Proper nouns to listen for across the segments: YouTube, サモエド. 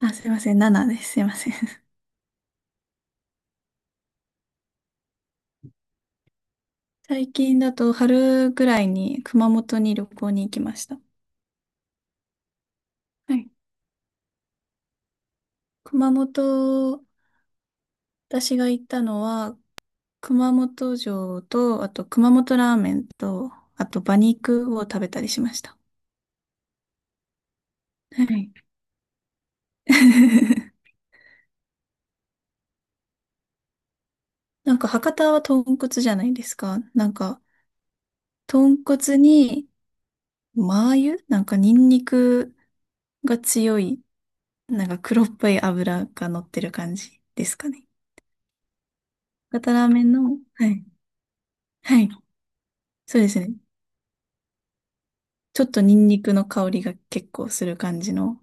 あ、すいません、7です。すいません。最近だと春ぐらいに熊本に旅行に行きました。はい。熊本、私が行ったのは、熊本城と、あと熊本ラーメンと、あと馬肉を食べたりしました。はい。なんか博多は豚骨じゃないですか。なんか、豚骨に、麻油なんかニンニクが強い、なんか黒っぽい油が乗ってる感じですかね。博多ラーメンの、はい。はい。そうですね。ちょっとニンニクの香りが結構する感じの、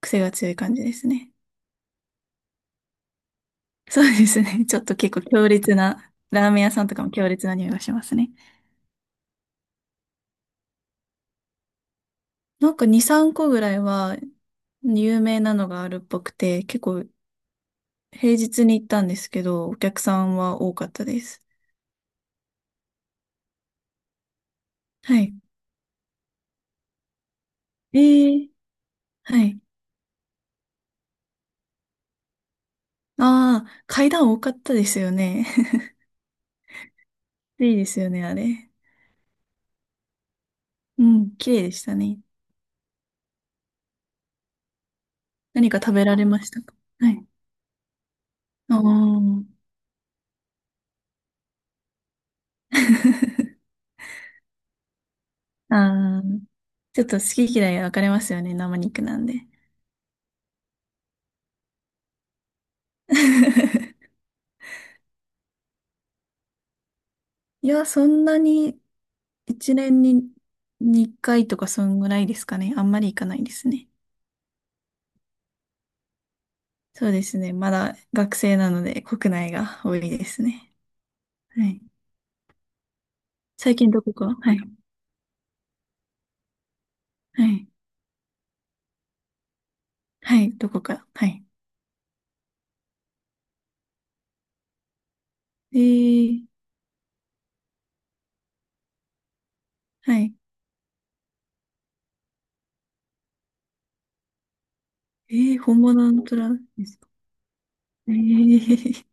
癖が強い感じですね。そうですね。ちょっと結構強烈な、ラーメン屋さんとかも強烈な匂いがしますね。なんか2、3個ぐらいは有名なのがあるっぽくて、結構平日に行ったんですけど、お客さんは多かったです。はい。ええ、はい。ああ、階段多かったですよね。いいですよね、あれ。うん、綺麗でしたね。何か食べられましたか？はい。ああ。ああ、ちょっと好き嫌い分かれますよね、生肉なんで。いや、そんなに一年に2回とかそんぐらいですかね。あんまり行かないですね。そうですね。まだ学生なので国内が多いですね。はい。最近どこか？はい。はい。はい。どこか？はい。えー、はい。えー、本物の虎ですか？えー、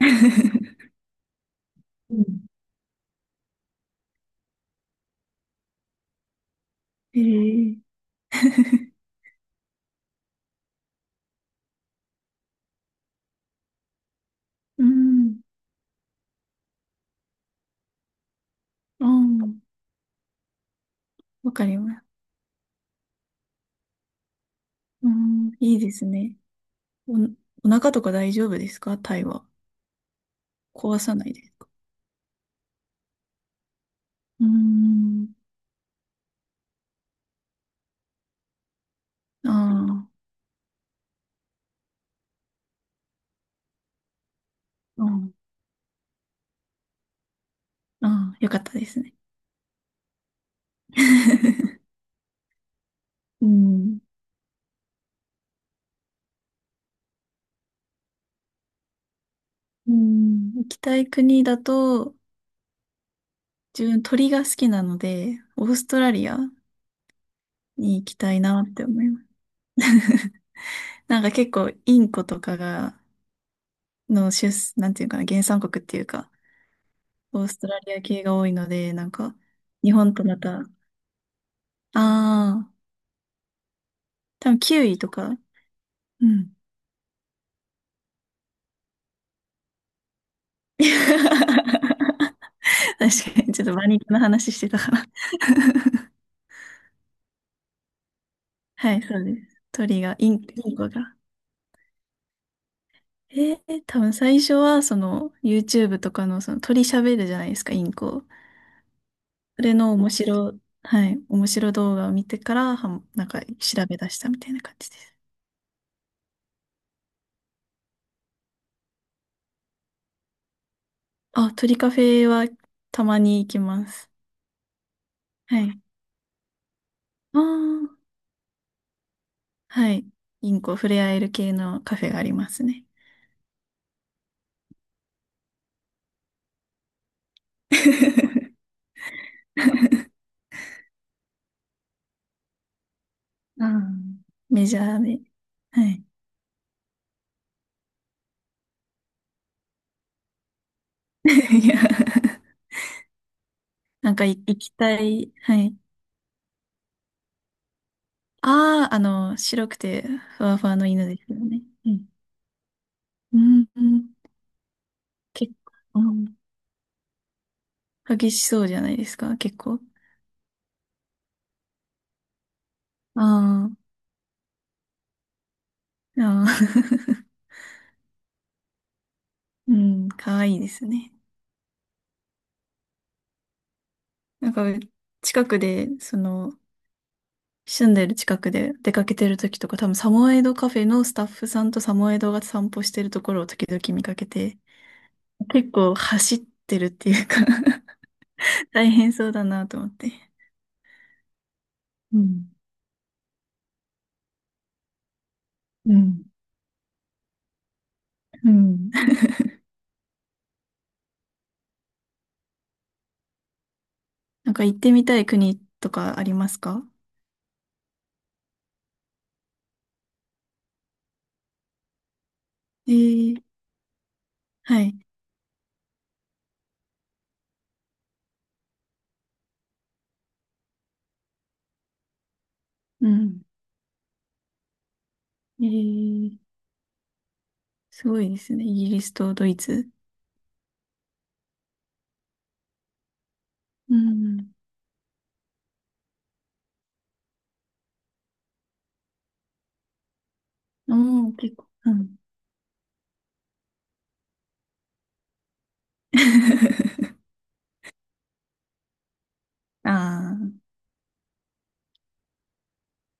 うん。えー、うん。あー、わかります。うん、いいですね。お、お腹とか大丈夫ですか、タイは。壊さないですか？うーん。ああ、うん。ああ、よかったですね。うん。うん。行きたい国だと、自分鳥が好きなので、オーストラリアに行きたいなって思います。なんか結構インコとかが、の出、なんていうかな、原産国っていうか、オーストラリア系が多いので、なんか、日本とまた、ああ、多分キウイとか。うん。確かに、ちょっと馬肉の話してたから。はい、そうです。鳥が、インコが。多分最初は、YouTube とかの、鳥喋るじゃないですか、インコ。それの面白、はい、面白動画を見てから、なんか、調べ出したみたいな感じです。あ、鳥カフェは、たまに行きます。はい。ああ、はい。インコ触れ合える系のカフェがありますね。うん。メジャーで。はい。いや、なんかい行きたい。はい。ああ、あの、白くてふわふわの犬ですよね。うん。うん、うん、結構、うん、激しそうじゃないですか、結構。ああ、ああ。 うん、かわいいですね。なんか、近くで、その、住んでる近くで出かけてる時とか、多分サモエドカフェのスタッフさんとサモエドが散歩してるところを時々見かけて、結構走ってるっていうか 大変そうだなと思って。うん、うん。うん。なんか行ってみたい国とかありますか？えー、はい。うん。えー、すごいですね。イギリスとドイツ。うん。おー、結構。うん。ああ、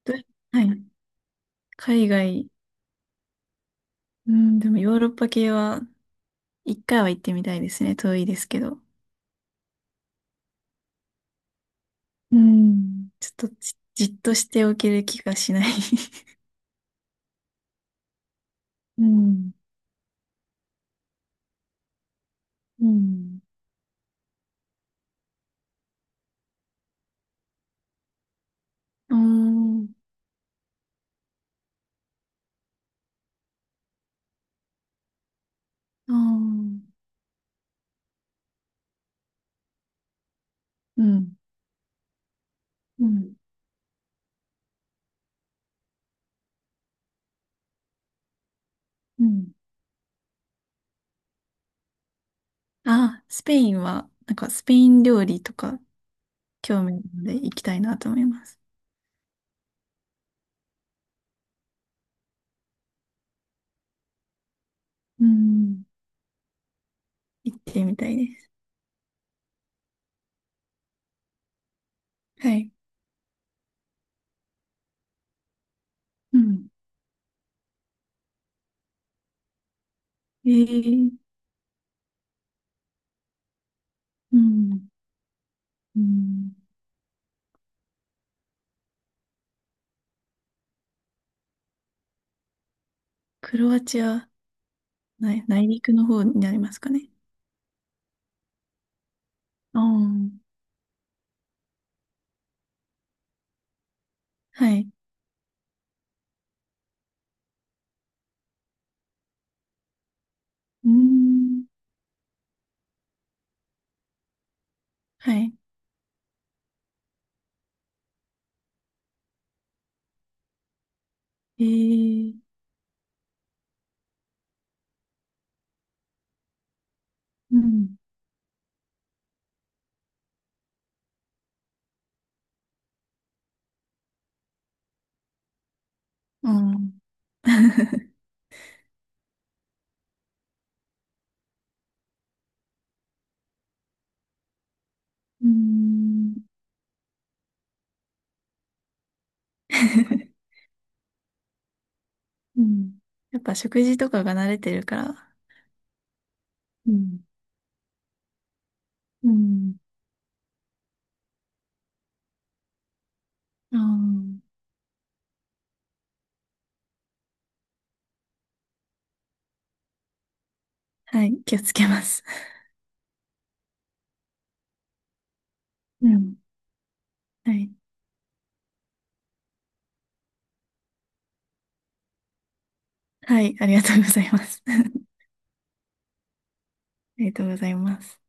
どはい。海外。うん、でもヨーロッパ系は、一回は行ってみたいですね。遠いですけど。うん。ちょっとじっとしておける気がしない。 うん。うん。おー、あー、うん。うん。うん。あ、スペインは、なんかスペイン料理とか興味あるので行きたいなと思います。うん、行ってみたいです。はい。うん、えー、うん、うん。クロアチア、内陸の方になりますかね。ああ、はい。うん、はい。えー、うん、あん。うん、うん、やっぱ食事とかが慣れてるから、うん、うん、ああ、はい、気をつけます。うん、はい。はい、ありがとうございます。ありがとうございます。